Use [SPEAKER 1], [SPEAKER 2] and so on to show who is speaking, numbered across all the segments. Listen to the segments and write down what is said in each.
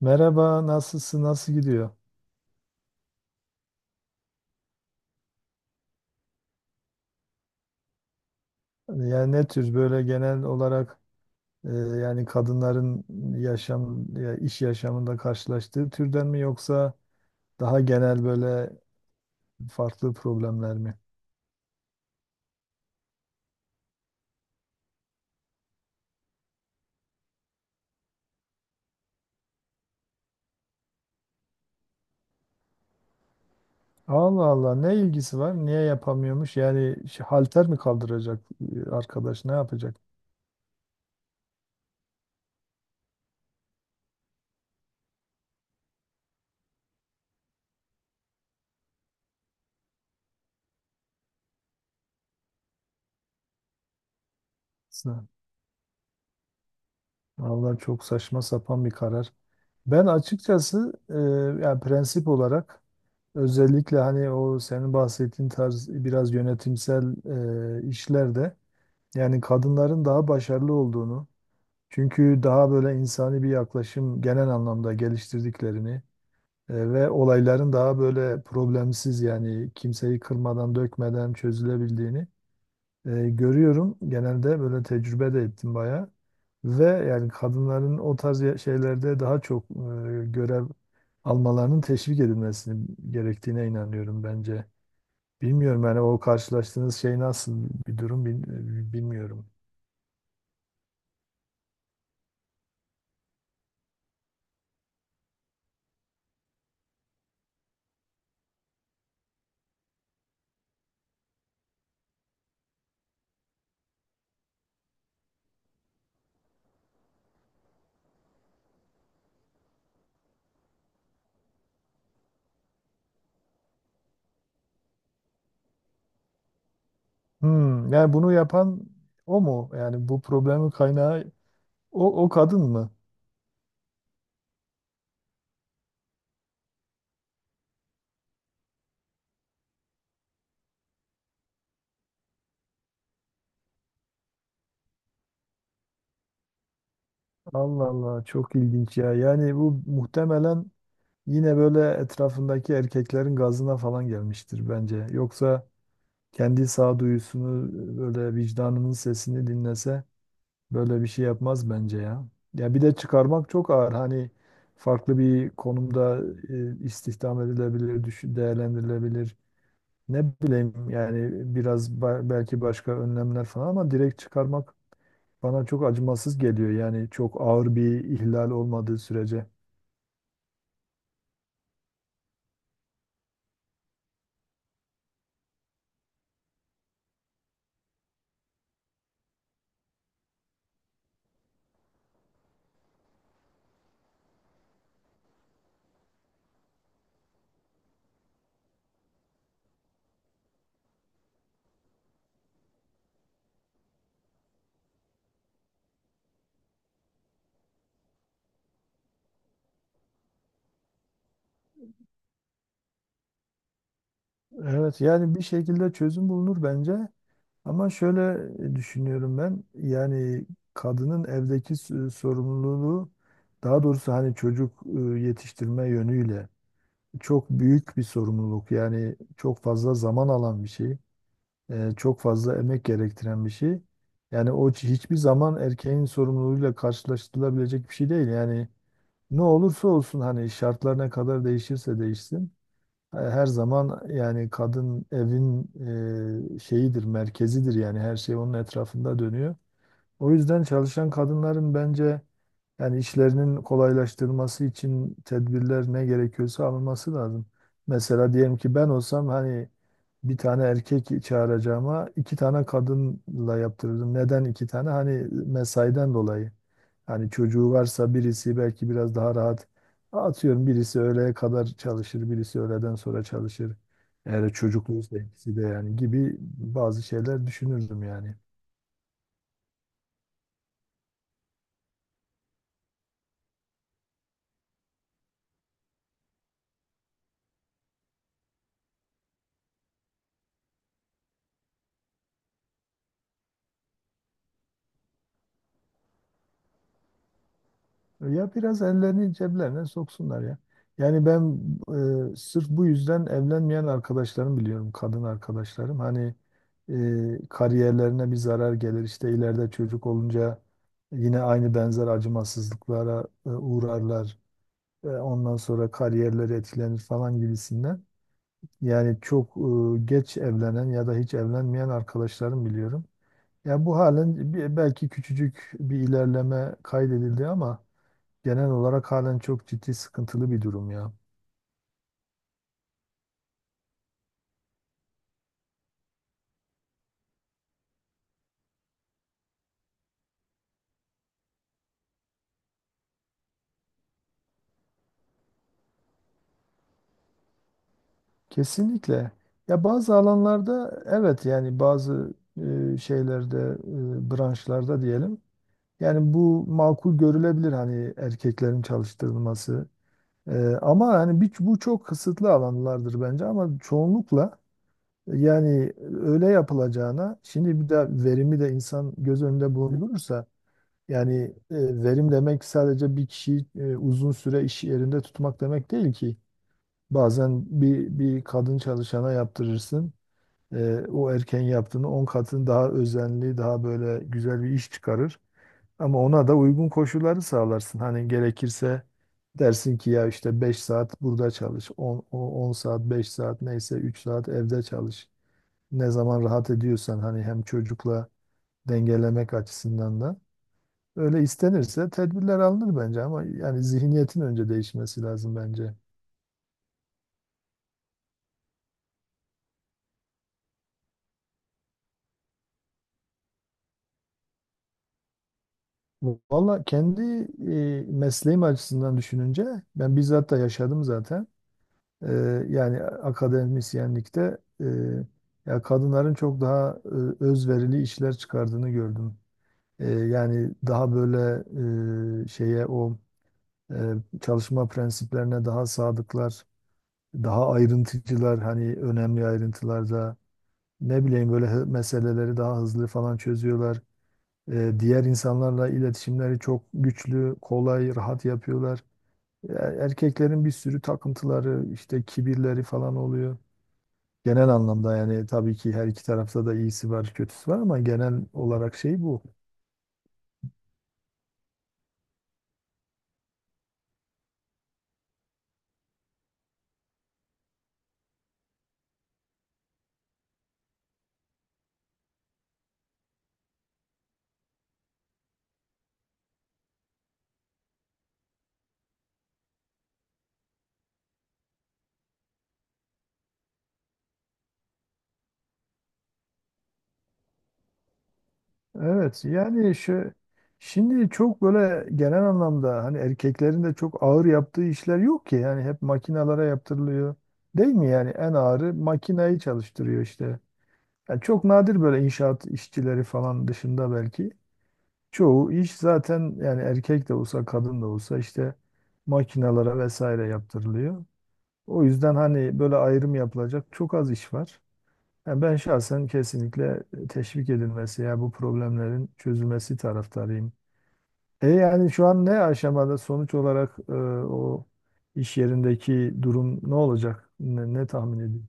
[SPEAKER 1] Merhaba, nasılsın, nasıl gidiyor? Yani ne tür böyle genel olarak yani kadınların yaşam, ya iş yaşamında karşılaştığı türden mi yoksa daha genel böyle farklı problemler mi? Allah Allah, ne ilgisi var? Niye yapamıyormuş? Yani şey, halter mi kaldıracak arkadaş, ne yapacak? Sa- Vallahi çok saçma sapan bir karar. Ben açıkçası yani prensip olarak, özellikle hani o senin bahsettiğin tarz biraz yönetimsel işlerde yani kadınların daha başarılı olduğunu, çünkü daha böyle insani bir yaklaşım genel anlamda geliştirdiklerini ve olayların daha böyle problemsiz, yani kimseyi kırmadan dökmeden çözülebildiğini görüyorum. Genelde böyle tecrübe de ettim bayağı ve yani kadınların o tarz şeylerde daha çok görev almalarının teşvik edilmesini gerektiğine inanıyorum bence. Bilmiyorum yani o karşılaştığınız şey nasıl bir durum, bilmiyorum. Hmm, yani bunu yapan o mu? Yani bu problemin kaynağı o kadın mı? Allah Allah, çok ilginç ya. Yani bu muhtemelen yine böyle etrafındaki erkeklerin gazına falan gelmiştir bence. Yoksa kendi sağduyusunu, böyle vicdanının sesini dinlese böyle bir şey yapmaz bence ya. Ya bir de çıkarmak çok ağır. Hani farklı bir konumda istihdam edilebilir, düşün, değerlendirilebilir. Ne bileyim, yani biraz belki başka önlemler falan, ama direkt çıkarmak bana çok acımasız geliyor. Yani çok ağır bir ihlal olmadığı sürece. Evet, yani bir şekilde çözüm bulunur bence. Ama şöyle düşünüyorum ben. Yani kadının evdeki sorumluluğu, daha doğrusu hani çocuk yetiştirme yönüyle çok büyük bir sorumluluk. Yani çok fazla zaman alan bir şey, çok fazla emek gerektiren bir şey. Yani o hiçbir zaman erkeğin sorumluluğuyla karşılaştırılabilecek bir şey değil. Yani ne olursa olsun, hani şartlar ne kadar değişirse değişsin, her zaman yani kadın evin şeyidir, merkezidir, yani her şey onun etrafında dönüyor. O yüzden çalışan kadınların bence yani işlerinin kolaylaştırılması için tedbirler ne gerekiyorsa alınması lazım. Mesela diyelim ki ben olsam, hani bir tane erkek çağıracağıma iki tane kadınla yaptırırdım. Neden iki tane? Hani mesaiden dolayı. Hani çocuğu varsa birisi belki biraz daha rahat, atıyorum birisi öğleye kadar çalışır, birisi öğleden sonra çalışır. Eğer çocukluysa ikisi de yani, gibi bazı şeyler düşünürdüm yani. Ya biraz ellerini ceplerine soksunlar ya. Yani ben sırf bu yüzden evlenmeyen arkadaşlarım biliyorum, kadın arkadaşlarım. Hani kariyerlerine bir zarar gelir, işte ileride çocuk olunca yine aynı, benzer acımasızlıklara uğrarlar. Ondan sonra kariyerleri etkilenir falan gibisinden. Yani çok geç evlenen ya da hiç evlenmeyen arkadaşlarım biliyorum. Ya bu halen belki küçücük bir ilerleme kaydedildi ama genel olarak halen çok ciddi sıkıntılı bir durum ya. Kesinlikle. Ya bazı alanlarda, evet yani bazı şeylerde, branşlarda diyelim. Yani bu makul görülebilir, hani erkeklerin çalıştırılması. Ama hani bir, bu çok kısıtlı alanlardır bence, ama çoğunlukla yani öyle yapılacağına, şimdi bir de verimi de insan göz önünde bulundurursa. Yani verim demek sadece bir kişiyi uzun süre iş yerinde tutmak demek değil ki. Bazen bir kadın çalışana yaptırırsın. O erken yaptığını 10 katını daha özenli, daha böyle güzel bir iş çıkarır. Ama ona da uygun koşulları sağlarsın. Hani gerekirse dersin ki ya işte 5 saat burada çalış, 10 10 saat, 5 saat neyse 3 saat evde çalış. Ne zaman rahat ediyorsan, hani hem çocukla dengelemek açısından da. Öyle istenirse tedbirler alınır bence, ama yani zihniyetin önce değişmesi lazım bence. Valla kendi mesleğim açısından düşününce ben bizzat da yaşadım zaten. E, Yani akademisyenlikte, ya kadınların çok daha özverili işler çıkardığını gördüm. Yani daha böyle şeye o e, çalışma prensiplerine daha sadıklar, daha ayrıntıcılar, hani önemli ayrıntılarda ne bileyim böyle meseleleri daha hızlı falan çözüyorlar. Diğer insanlarla iletişimleri çok güçlü, kolay, rahat yapıyorlar. Erkeklerin bir sürü takıntıları, işte kibirleri falan oluyor. Genel anlamda yani tabii ki her iki tarafta da iyisi var, kötüsü var, ama genel olarak şey bu. Evet, yani şimdi çok böyle genel anlamda hani erkeklerin de çok ağır yaptığı işler yok ki, yani hep makinalara yaptırılıyor. Değil mi, yani en ağırı makinayı çalıştırıyor işte. Yani çok nadir, böyle inşaat işçileri falan dışında belki. Çoğu iş zaten yani erkek de olsa kadın da olsa işte makinalara vesaire yaptırılıyor. O yüzden hani böyle ayrım yapılacak çok az iş var. Yani ben şahsen kesinlikle teşvik edilmesi, ya bu problemlerin çözülmesi taraftarıyım. E yani şu an ne aşamada, sonuç olarak o iş yerindeki durum ne olacak? Ne tahmin ediyorsun?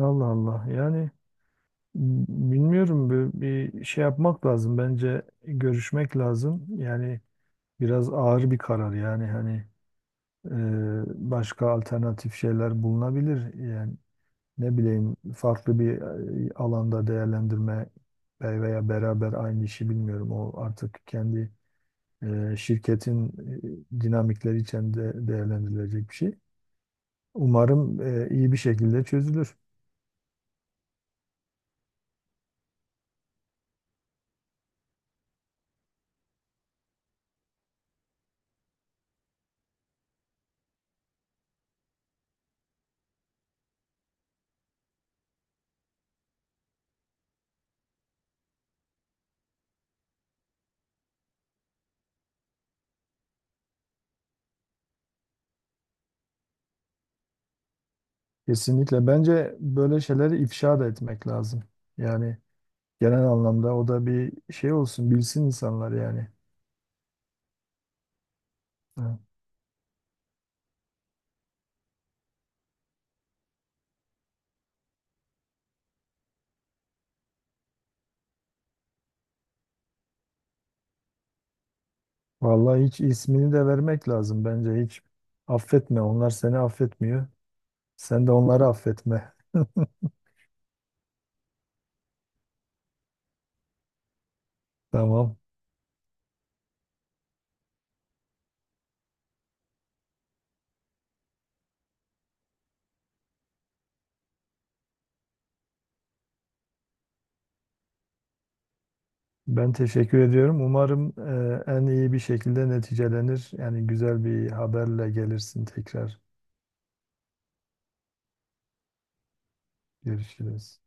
[SPEAKER 1] Allah Allah. Yani bilmiyorum, bir şey yapmak lazım. Bence görüşmek lazım. Yani biraz ağır bir karar, yani hani başka alternatif şeyler bulunabilir. Yani ne bileyim, farklı bir alanda değerlendirme veya beraber aynı işi, bilmiyorum. O artık kendi şirketin dinamikleri içinde değerlendirilecek bir şey. Umarım iyi bir şekilde çözülür. Kesinlikle. Bence böyle şeyleri ifşa da etmek lazım. Yani, genel anlamda o da bir şey olsun, bilsin insanlar yani. Evet. Vallahi hiç, ismini de vermek lazım bence, hiç. Affetme, onlar seni affetmiyor. Sen de onları affetme. Tamam. Ben teşekkür ediyorum. Umarım en iyi bir şekilde neticelenir. Yani güzel bir haberle gelirsin tekrar. Görüşürüz.